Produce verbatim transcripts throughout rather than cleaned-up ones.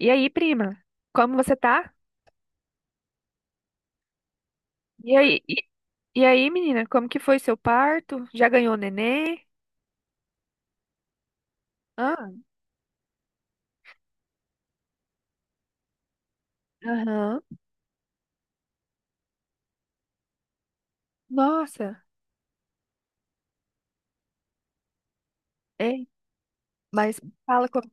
E aí, prima? Como você tá? E aí, e, e aí, menina, como que foi seu parto? Já ganhou nenê? Ah, aham. Nossa. Ei, mas fala, como-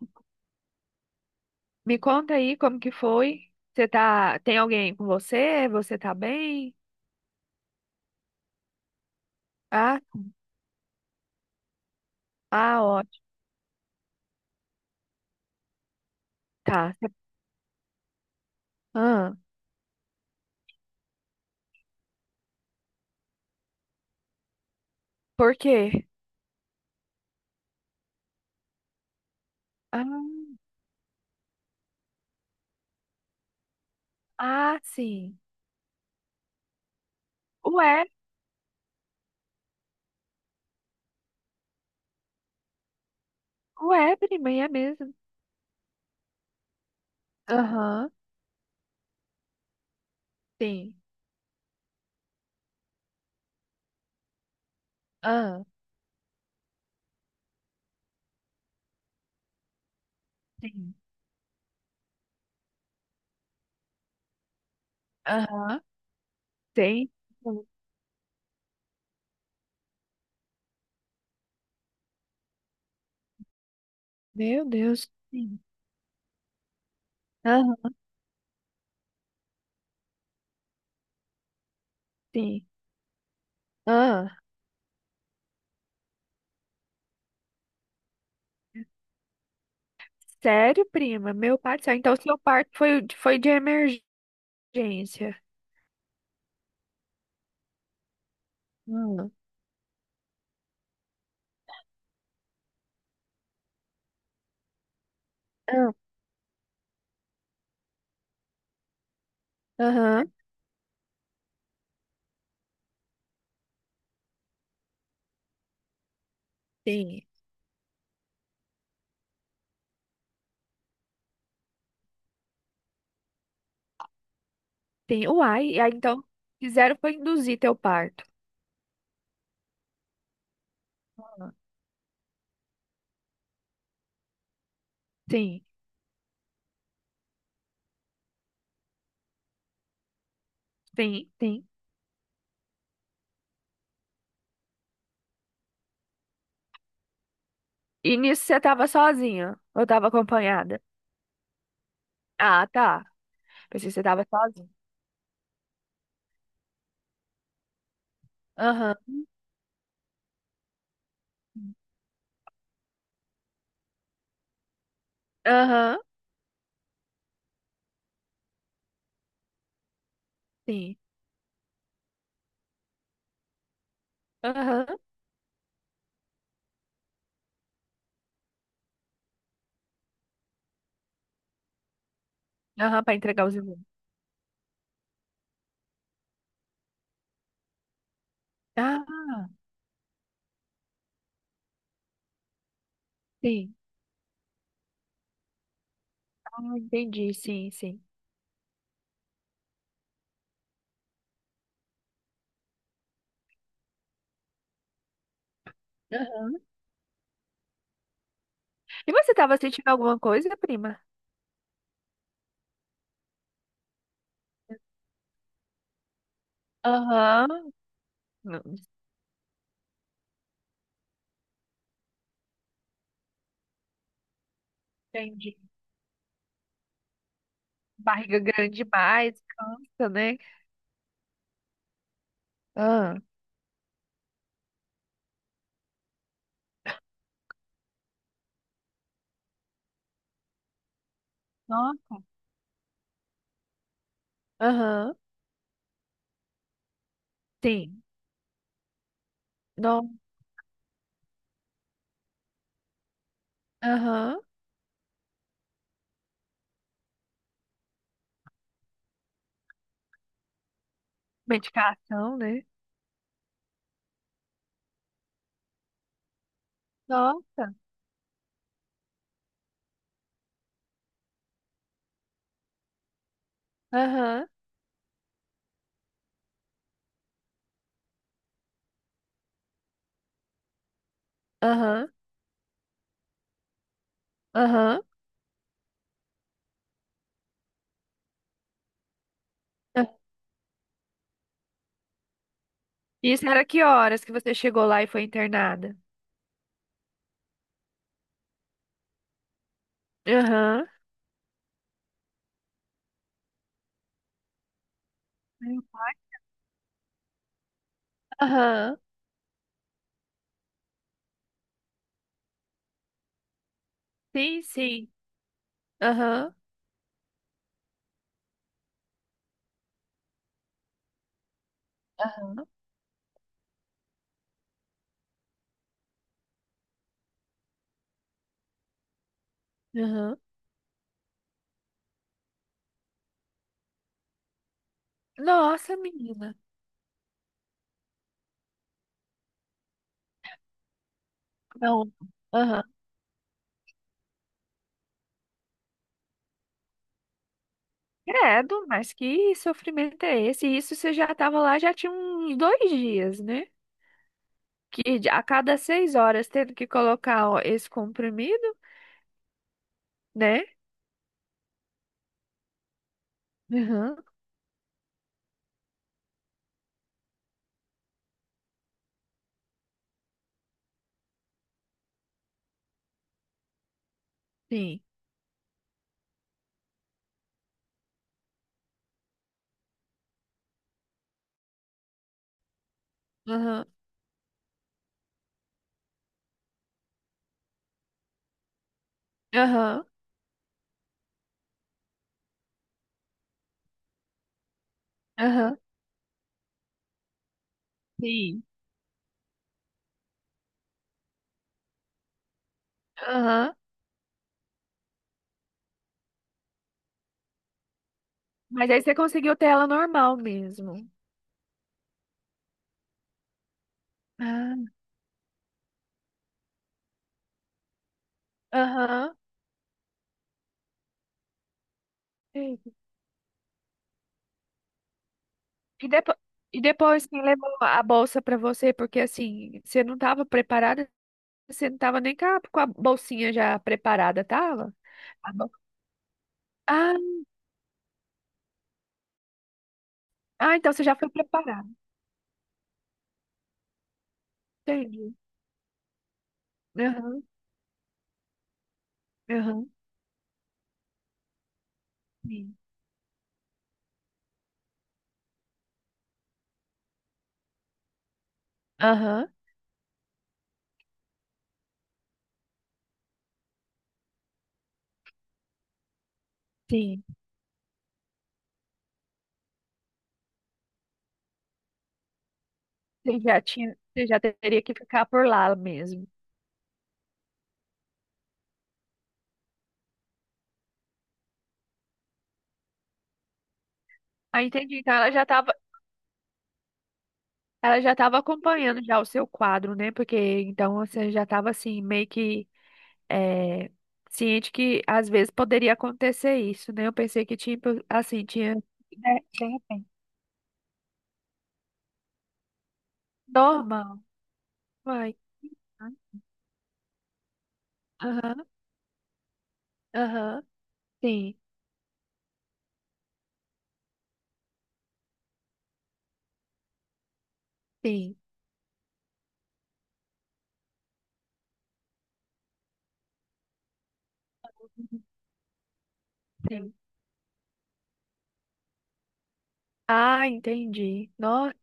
me conta aí como que foi? Você tá, tem alguém com você? Você tá bem? Ah, ah, ótimo. Tá. Ah, por quê? Ah, ah, sim. Ué, ué, prima, é mesmo. Aham, sim. Ah, sim. Aham, tem. Meu Deus. Sim. Aham, sim. Ah, sério, prima? Meu pai do céu. Então, seu parto foi, foi de emergência. Hum. Ah. Aham, sim. Sim. Uai, e aí então fizeram foi induzir teu parto. Ah. Sim, sim, sim. E nisso você tava sozinha? Ou tava acompanhada? Ah, tá. Pensei que você tava sozinha. Aham, aham, sim. Aham, aham, para entregar os exames. Ah, sim. Ah, entendi, sim, sim. E você tava sentindo alguma coisa, prima? Aham. Não, entendi. Barriga grande demais, cansa, né? Ah, nossa. Aham. Sim. Não. Aham. Medicação, né? Nossa. Aham. Aham. Aham. Ah. Isso era que horas que você chegou lá e foi internada? Aham. Aham. Sim, sim. Aham. Aham. Aham. Nossa, menina. Não. Aham. Credo, mas que sofrimento é esse? Isso você já estava lá, já tinha uns dois dias, né? Que de- a cada seis horas tendo que colocar ó, esse comprimido, né? Aham, sim. Aham, aham, aham, sim. Aham. Mas aí você conseguiu ter ela normal mesmo. Ah, aham. Eita. E, depo e depois quem levou a bolsa para você? Porque assim, você não estava preparada, você não estava nem com a, com a bolsinha já preparada, tava? Tá bom. Ah, então você já foi preparado. Entendi. Aham, aham, sim. Aham, sim. Você já tinha, você já teria que ficar por lá mesmo. Ah, entendi. Então ela já estava, ela já estava acompanhando já o seu quadro, né? Porque então você já estava assim meio que eh, ciente que às vezes poderia acontecer isso, né? Eu pensei que tinha assim tinha de, de repente. Normal. Vai. Aham, aham. Sim, sim. Sim. Ah, entendi. Nossa.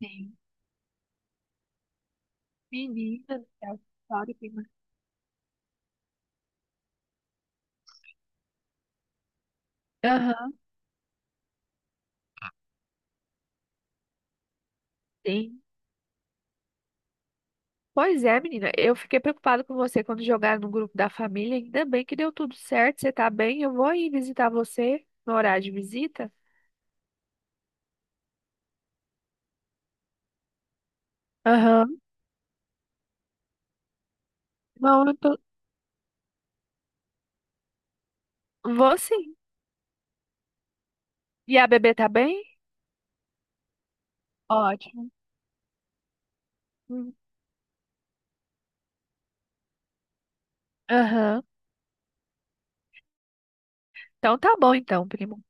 Sim. Menina do céu, que história que mais. Aham. Sim. Pois é, menina, eu fiquei preocupada com você quando jogaram no grupo da família. Ainda bem que deu tudo certo, você tá bem. Eu vou aí visitar você no horário de visita. Aham. Não, eu tô... Vou sim. E a bebê tá bem? Ótimo. Hum, Aham. Então tá bom então, primo.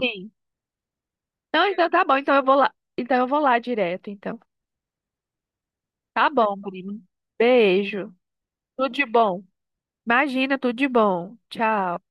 Sim. Não, então tá bom, então eu vou lá. Então eu vou lá direto, então. Tá bom, primo. Beijo. Tudo de bom. Imagina, tudo de bom. Tchau.